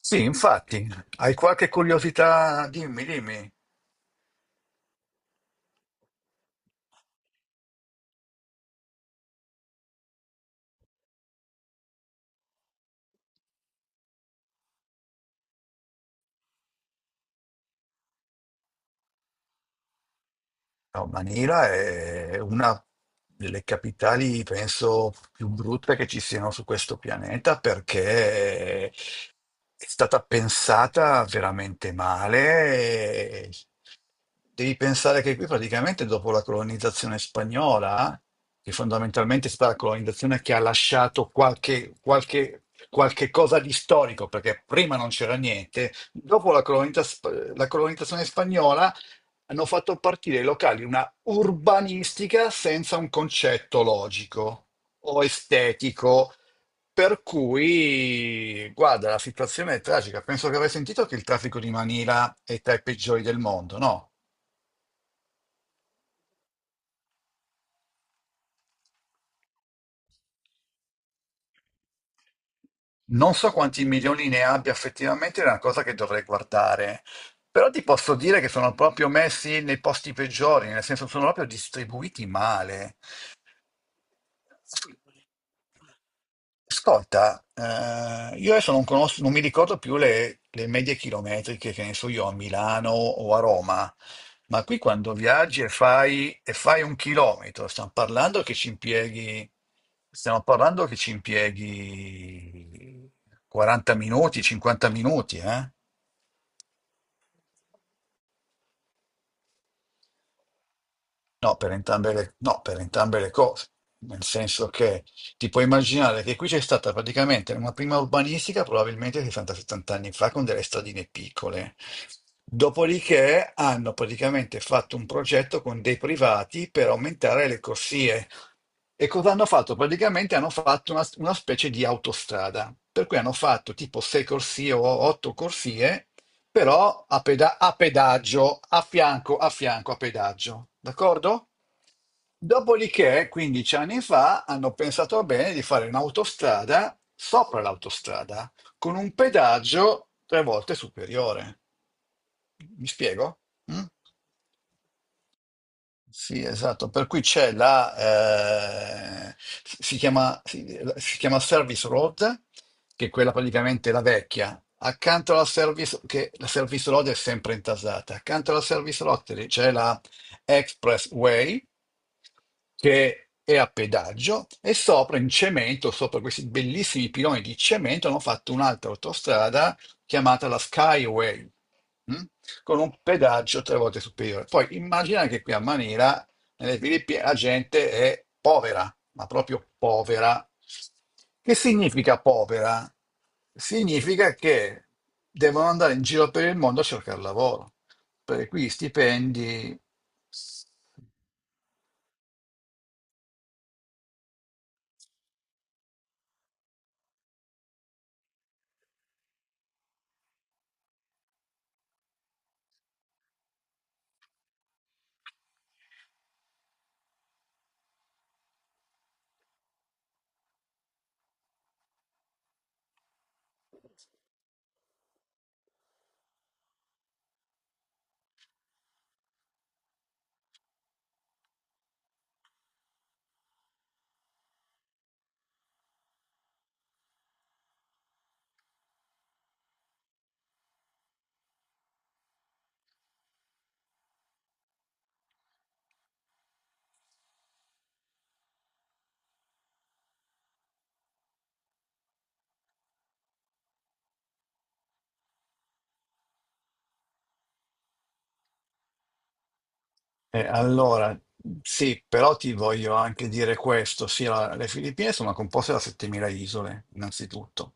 Sì, infatti. Hai qualche curiosità? Dimmi, dimmi. No, Manila è una delle capitali, penso, più brutte che ci siano su questo pianeta, perché è stata pensata veramente male. Devi pensare che qui praticamente dopo la colonizzazione spagnola, che fondamentalmente è stata la colonizzazione che ha lasciato qualche cosa di storico, perché prima non c'era niente, dopo la la colonizzazione spagnola hanno fatto partire i locali una urbanistica senza un concetto logico o estetico. Per cui, guarda, la situazione è tragica. Penso che avrai sentito che il traffico di Manila è tra i peggiori del mondo, no? Non so quanti milioni ne abbia effettivamente, è una cosa che dovrei guardare. Però ti posso dire che sono proprio messi nei posti peggiori, nel senso sono proprio distribuiti male. Ascolta, io adesso non conosco, non mi ricordo più le medie chilometriche che ne so io a Milano o a Roma, ma qui quando viaggi e fai un chilometro, stiamo parlando che ci impieghi, stiamo parlando che ci impieghi 40 minuti, 50 minuti, eh? No, per entrambe le cose, nel senso che ti puoi immaginare che qui c'è stata praticamente una prima urbanistica, probabilmente 60-70 anni fa, con delle stradine piccole. Dopodiché hanno praticamente fatto un progetto con dei privati per aumentare le corsie. E cosa hanno fatto? Praticamente hanno fatto una specie di autostrada, per cui hanno fatto tipo 6 corsie o 8 corsie, però a pedaggio, a fianco, a pedaggio, d'accordo? Dopodiché, 15 anni fa, hanno pensato bene di fare un'autostrada sopra l'autostrada, con un pedaggio tre volte superiore. Mi spiego? Mm? Sì, esatto, per cui c'è la, eh, si chiama, si, si chiama Service Road, che è quella praticamente la vecchia. Accanto alla Service, che la Service Road è sempre intasata, accanto alla Service Road c'è la Expressway, che è a pedaggio, e sopra in cemento, sopra questi bellissimi piloni di cemento, hanno fatto un'altra autostrada chiamata la Skyway. Mm? Con un pedaggio tre volte superiore. Poi immagina che qui a Manila, nelle Filippine, la gente è povera, ma proprio povera. Che significa povera? Significa che devono andare in giro per il mondo a cercare lavoro, perché qui i stipendi… allora, sì, però ti voglio anche dire questo. Sì, le Filippine sono composte da 7.000 isole, innanzitutto,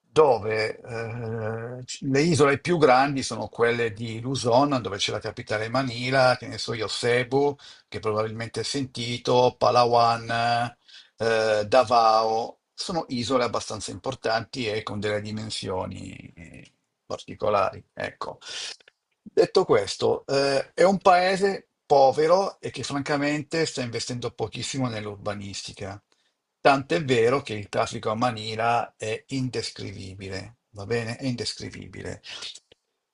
dove le isole più grandi sono quelle di Luzon, dove c'è la capitale Manila, che ne so io, Cebu, che probabilmente hai sentito, Palawan, Davao, sono isole abbastanza importanti e con delle dimensioni particolari, ecco. Detto questo, è un paese povero e che francamente sta investendo pochissimo nell'urbanistica. Tant'è vero che il traffico a Manila è indescrivibile, va bene? È indescrivibile.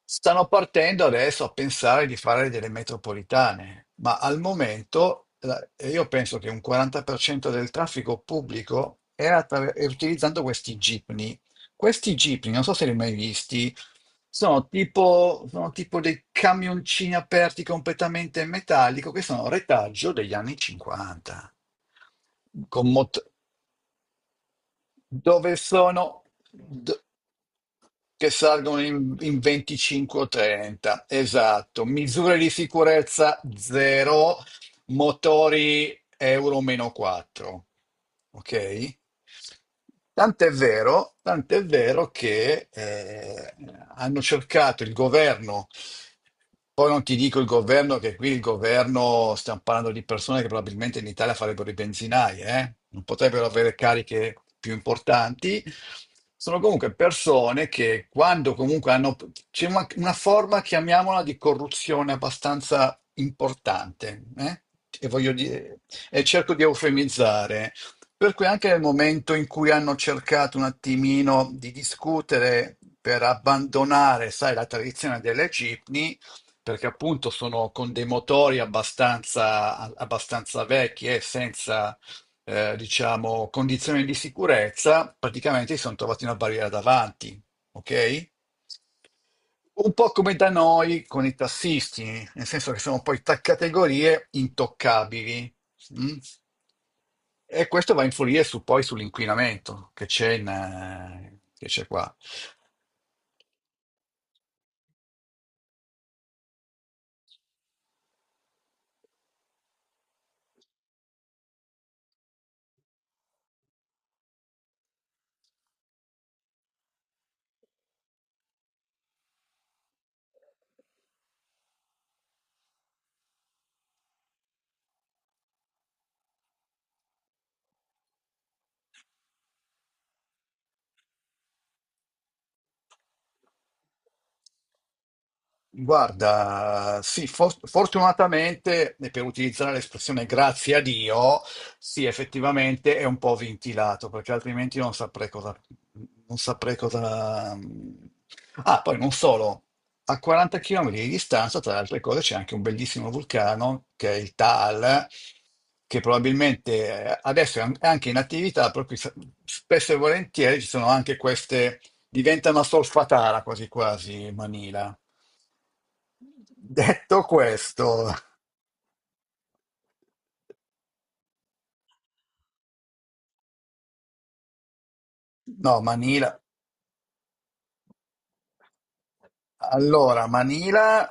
Stanno partendo adesso a pensare di fare delle metropolitane, ma al momento io penso che un 40% del traffico pubblico è utilizzando questi jeepney, questi jeepney, non so se li hai mai visti. Sono tipo, sono tipo dei camioncini aperti completamente in metallico che sono retaggio degli anni 50, con mot- dove sono d- che salgono in, in 25 o 30, esatto, misure di sicurezza zero, motori Euro meno 4, ok? Tant'è vero che hanno cercato il governo, poi non ti dico il governo, che qui il governo, stiamo parlando di persone che probabilmente in Italia farebbero i benzinai, eh? Non potrebbero avere cariche più importanti, sono comunque persone che quando comunque hanno… C'è una forma, chiamiamola, di corruzione abbastanza importante, eh? E voglio dire, e cerco di eufemizzare, per cui anche nel momento in cui hanno cercato un attimino di discutere per abbandonare, sai, la tradizione delle cipni, perché appunto sono con dei motori abbastanza, abbastanza vecchi e senza, diciamo, condizioni di sicurezza, praticamente si sono trovati una barriera davanti, ok? Un po' come da noi con i tassisti, nel senso che sono poi tre categorie intoccabili. Mm? E questo va a poi sull'inquinamento che c'è che c'è qua. Guarda, sì, fortunatamente, e per utilizzare l'espressione grazie a Dio, sì, effettivamente è un po' ventilato, perché altrimenti non saprei cosa… Non saprei cosa… Ah, poi non solo, a 40 km di distanza, tra le altre cose, c'è anche un bellissimo vulcano, che è il Taal, che probabilmente adesso è anche in attività, proprio spesso e volentieri ci sono anche queste… Diventa una solfatara quasi quasi Manila. Detto questo, no, Manila. Allora, Manila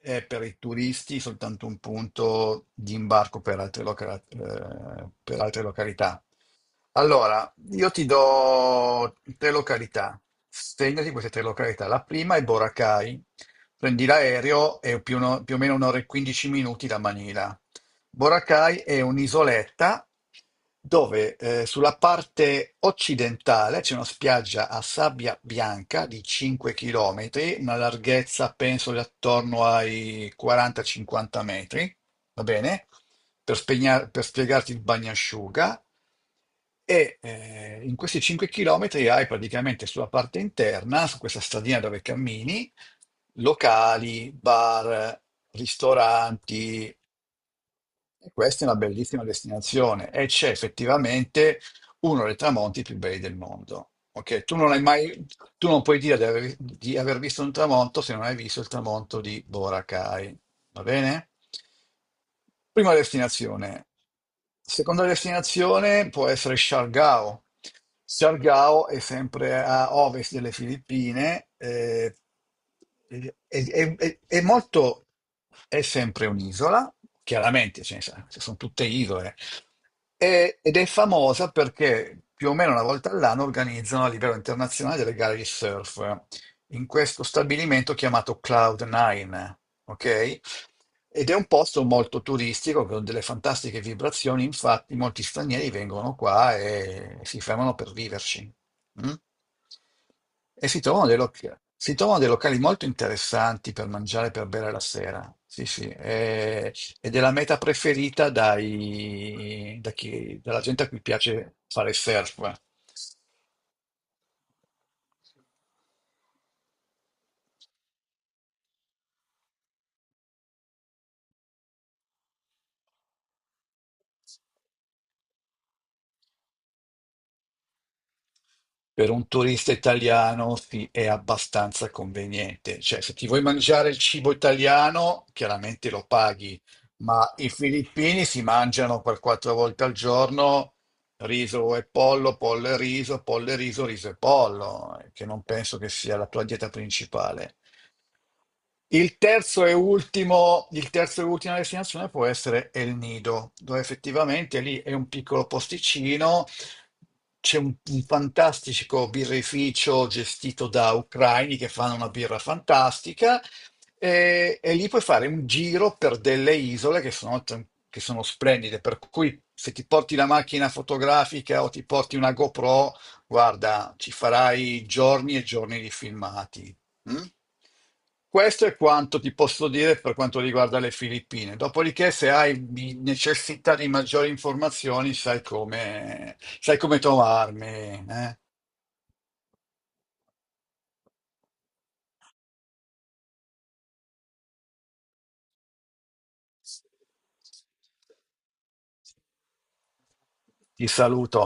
è per i turisti soltanto un punto di imbarco per altre, per altre località. Allora, io ti do tre località. Segnati queste tre località. La prima è Boracay. Prendi l'aereo e più, o no- più o meno un'ora e 15 minuti da Manila. Boracay è un'isoletta dove sulla parte occidentale c'è una spiaggia a sabbia bianca di 5 km, una larghezza penso di attorno ai 40-50 metri, va bene? Per spiegarti il bagnasciuga. E in questi 5 km hai praticamente sulla parte interna, su questa stradina dove cammini, locali, bar, ristoranti, e questa è una bellissima destinazione e c'è effettivamente uno dei tramonti più belli del mondo. Ok, tu non puoi dire di di aver visto un tramonto se non hai visto il tramonto di Boracay. Va bene? Prima destinazione. Seconda destinazione può essere Siargao. Siargao è sempre a ovest delle Filippine, è molto… È sempre un'isola, chiaramente, sono tutte isole, ed è famosa perché più o meno una volta all'anno organizzano a livello internazionale delle gare di surf in questo stabilimento chiamato Cloud9, ok? Ed è un posto molto turistico con delle fantastiche vibrazioni, infatti molti stranieri vengono qua e si fermano per viverci. Mm? E si trovano dei locali. Si trovano dei locali molto interessanti per mangiare, per bere la sera. Sì, sì. E ed è la meta preferita dalla gente a cui piace fare surf. Per un turista italiano sì, è abbastanza conveniente. Cioè, se ti vuoi mangiare il cibo italiano, chiaramente lo paghi, ma i filippini si mangiano per quattro volte al giorno riso e pollo, pollo e riso, riso e pollo, che non penso che sia la tua dieta principale. Il terzo e ultima destinazione può essere El Nido, dove effettivamente lì è un piccolo posticino. C'è un fantastico birrificio gestito da ucraini che fanno una birra fantastica, e lì puoi fare un giro per delle isole che sono, che sono splendide, per cui se ti porti la macchina fotografica o ti porti una GoPro, guarda, ci farai giorni e giorni di filmati. Mm? Questo è quanto ti posso dire per quanto riguarda le Filippine. Dopodiché, se hai necessità di maggiori informazioni, sai come trovarmi. Eh. Ti saluto.